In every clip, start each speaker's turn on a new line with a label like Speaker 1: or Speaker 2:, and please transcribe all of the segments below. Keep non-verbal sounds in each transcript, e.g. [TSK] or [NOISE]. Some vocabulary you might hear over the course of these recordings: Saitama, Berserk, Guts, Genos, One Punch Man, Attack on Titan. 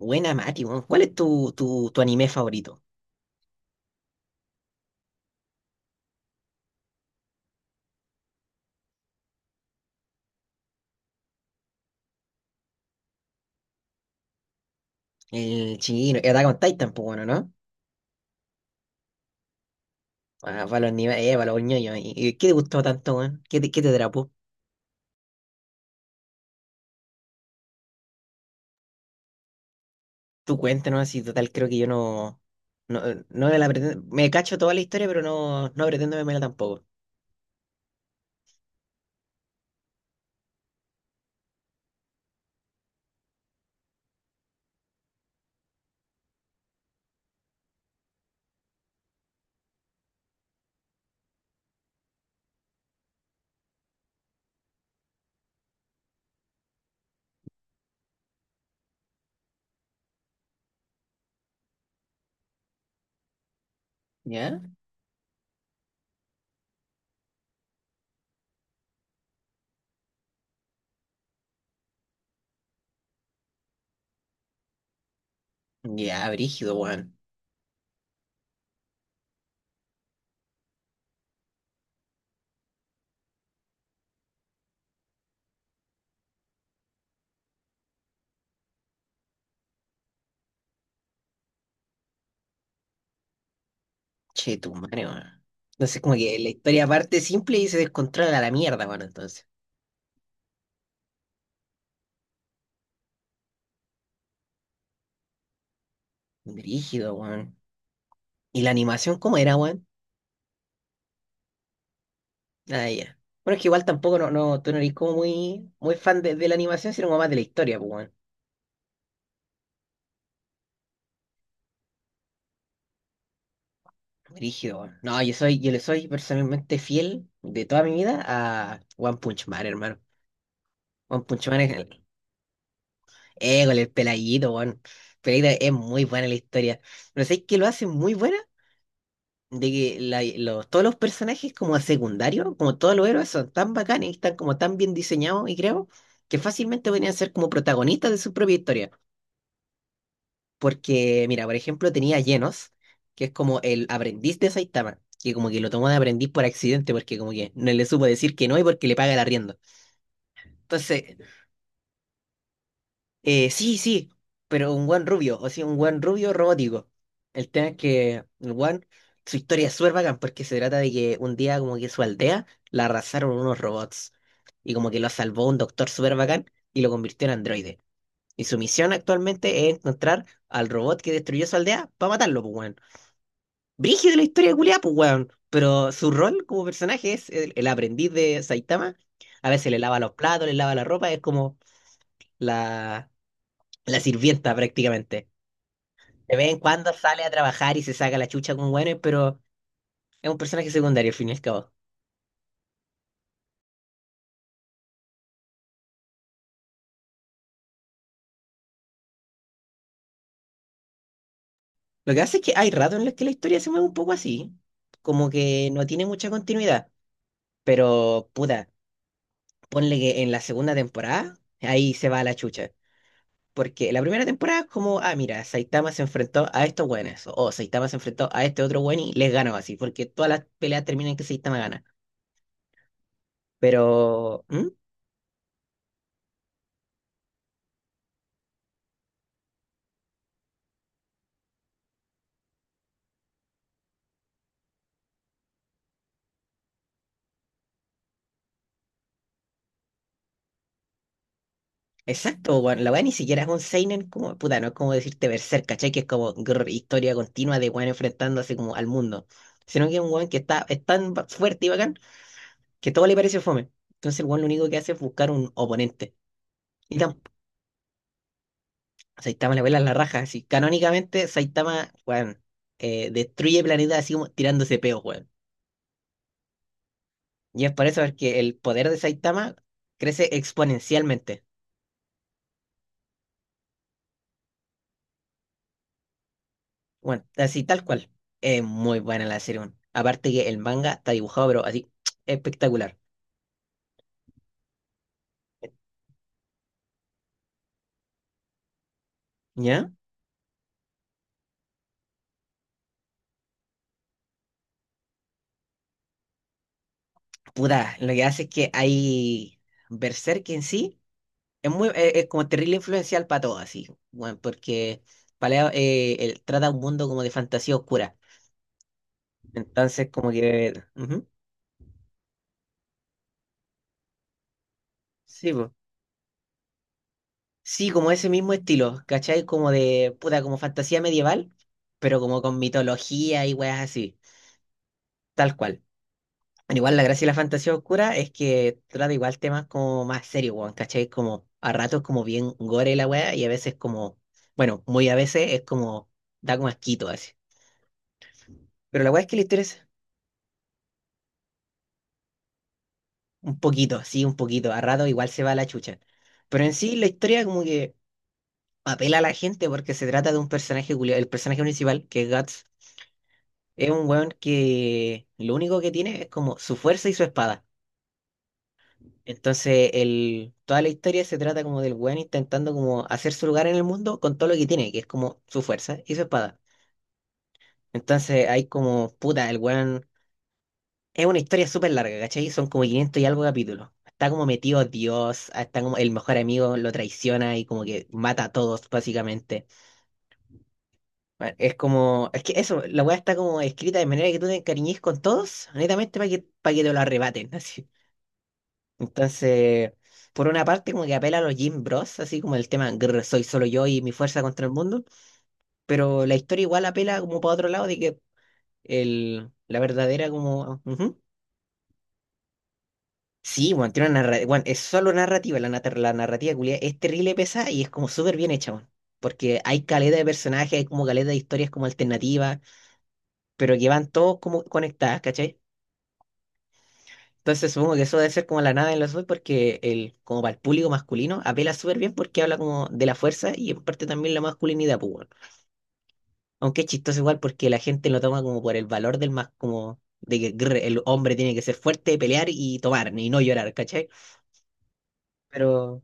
Speaker 1: Buena, Mati, weón. ¿Cuál es tu anime favorito? El chino, el Attack on Titan, pues bueno, ¿no? Ah, para los animes, para los ñoños. ¿Y qué te gustó tanto, weón? ¿Qué te atrapó? Tú cuéntanos, así total, creo que yo no me la pretendo, me cacho toda la historia, pero no pretendo vermela tampoco. ¿Ya? Ya, brígido, weón. Che, tu madre, weón. Entonces, como que la historia parte simple y se descontrola a la mierda, weón, entonces. Brígido, weón. ¿Y la animación cómo era, weón? Ah, ya. Bueno, es que igual tampoco tú no eres como muy, muy fan de la animación, sino como más de la historia, pues, weón. Rígido, weón. No, yo soy, yo le soy personalmente fiel de toda mi vida a One Punch Man, hermano. One Punch Man es el peladito, weón. Peladito es muy buena la historia. Pero ¿sabes qué lo hace muy buena? De que todos los personajes como secundarios, como todos los héroes, son tan bacanes y están como tan bien diseñados y creo que fácilmente podrían ser como protagonistas de su propia historia. Porque, mira, por ejemplo, tenía a Genos, que es como el aprendiz de Saitama, que como que lo tomó de aprendiz por accidente, porque como que no le supo decir que no y porque le paga el arriendo. Entonces, eh, sí, sí, pero un buen rubio, o sea, un buen rubio robótico. El tema es que su historia es súper bacán, porque se trata de que un día como que su aldea la arrasaron unos robots, y como que lo salvó un doctor súper bacán y lo convirtió en androide. Y su misión actualmente es encontrar al robot que destruyó su aldea para matarlo, pues, weón. Brígido la historia de culiá, pues, weón. Pero su rol como personaje es el aprendiz de Saitama. A veces le lava los platos, le lava la ropa, es como la, la sirvienta prácticamente. De vez en cuando sale a trabajar y se saca la chucha con weones, pero es un personaje secundario al fin y al cabo. Lo que hace es que hay ratos en los que la historia se mueve un poco así, como que no tiene mucha continuidad. Pero, puta, ponle que en la segunda temporada, ahí se va a la chucha. Porque la primera temporada es como, ah, mira, Saitama se enfrentó a estos buenos, o Saitama se enfrentó a este otro buen y les ganó así, porque todas las peleas terminan en que Saitama gana. Pero, exacto, weón, la weá ni siquiera es un seinen como, puta, no es como decirte Berserk, ¿cachai? Que es como grr, historia continua de weón enfrentándose como al mundo. Sino que es un weón que está, es tan ba- fuerte y bacán que todo le parece fome. Entonces el weón lo único que hace es buscar un oponente. Y Saitama le vuela la raja, así. Canónicamente, Saitama, weón, destruye planetas así como tirándose peos, weón. Y es por eso que el poder de Saitama crece exponencialmente. Bueno, así tal cual. Es muy buena la serie, weón. Aparte que el manga está dibujado, pero así, [TSK] espectacular. ¿Ya? Puta, lo que hace es que hay, Berserk en sí es como terrible influencial para todo, así, bueno, porque Paleo él trata un mundo como de fantasía oscura. Entonces, como que ujú. Sí, po. Sí, como ese mismo estilo, ¿cachai? Como de, puta, como fantasía medieval, pero como con mitología y weas así, tal cual. Bueno, igual la gracia de la fantasía oscura es que trata igual temas como más serios, weón, ¿cachai? Como a ratos como bien gore la wea y a veces como, bueno, muy a veces es como, da como asquito así. Pero la wea es que la historia es un poquito, sí, un poquito, a ratos igual se va a la chucha. Pero en sí la historia como que apela a la gente porque se trata de un personaje, culiao- el personaje principal, que es Guts. Es un weón que lo único que tiene es como su fuerza y su espada. Entonces, toda la historia se trata como del weón intentando como hacer su lugar en el mundo con todo lo que tiene, que es como su fuerza y su espada. Entonces, hay como, puta, el weón... Es una historia súper larga, ¿cachai? Son como 500 y algo capítulos. Está como metido Dios, ah, está como el mejor amigo lo traiciona y como que mata a todos, básicamente. Bueno, es como, es que eso, la weá está como escrita de manera que tú te encariñes con todos, netamente para que te lo arrebaten, [LAUGHS] así. Entonces, por una parte, como que apela a los Jim Bros, así como el tema "Grr, soy solo yo y mi fuerza contra el mundo", pero la historia igual apela como para otro lado de que la verdadera como... ujú. Sí, bueno, tiene una narrativa, es solo narrativa, la narrativa culiá es terrible pesada y es como súper bien hecha, weón. Porque hay caleta de personajes, hay como caleta de historias como alternativas, pero que van todos como conectadas, ¿cachai? Entonces supongo que eso debe ser como la nada en los dos porque como para el público masculino apela súper bien porque habla como de la fuerza y en parte también la masculinidad, pues, weón. Aunque es chistoso igual porque la gente lo toma como por el valor del más, como de que grr, el hombre tiene que ser fuerte, pelear y tomar y no llorar, ¿cachai? Pero,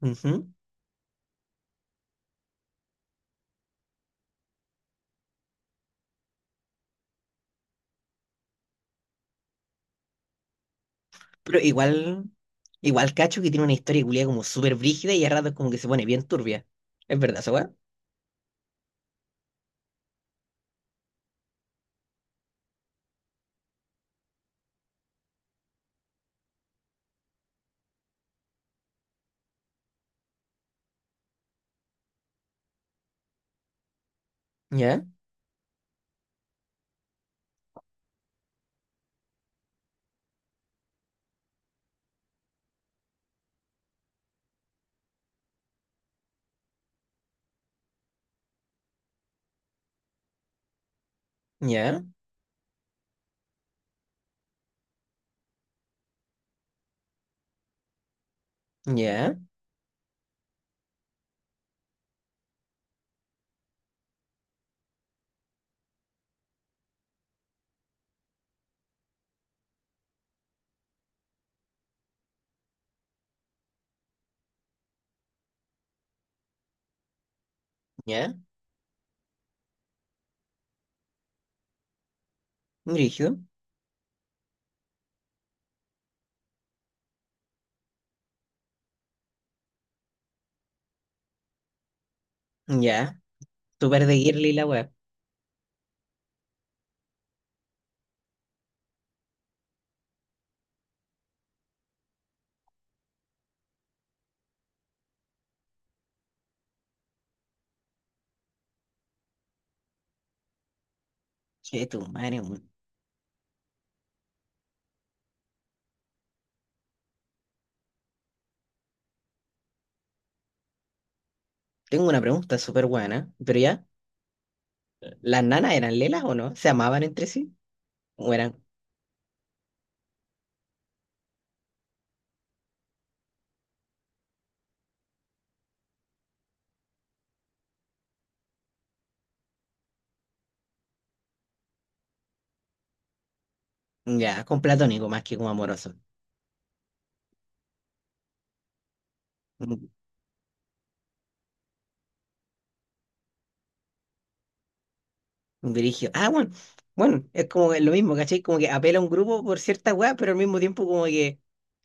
Speaker 1: ujú. Pero igual, igual cacho que tiene una historia culia como súper brígida y a ratos como que se pone bien turbia. Es verdad, esa weá. Ya, ya, ya, ya, brígido, ya, súper de girly la weá. Che, tu madre, weón. Tengo una pregunta súper buena, pero ya, ¿las nanas eran lelas o no? ¿Se amaban entre sí? ¿O eran ya con platónico más que como amoroso? Un un dirigio. Ah, bueno, bueno, es como que lo mismo, ¿cachai? Como que apela a un grupo por cierta weá, pero al mismo tiempo como que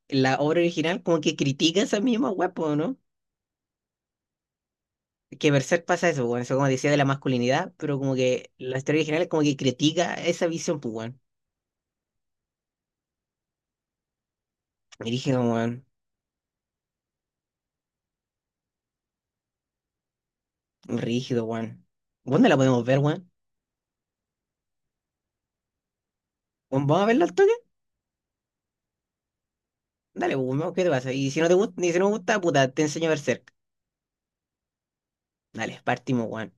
Speaker 1: la obra original como que critica esa misma weá, po, ¿no? Que Berserk pasa eso, bueno, eso como decía de la masculinidad, pero como que la historia original es como que critica esa visión, pues, weón. Rígido, weón. Rígido, weón. ¿Dónde la podemos ver, weón? Weón, ¿vamos a verla al toque? Dale, pues, ¿no? ¿Qué te pasa? Y si no te gusta, y si no me gusta, puta, te enseño a ver cerca. Dale, partimos, weón.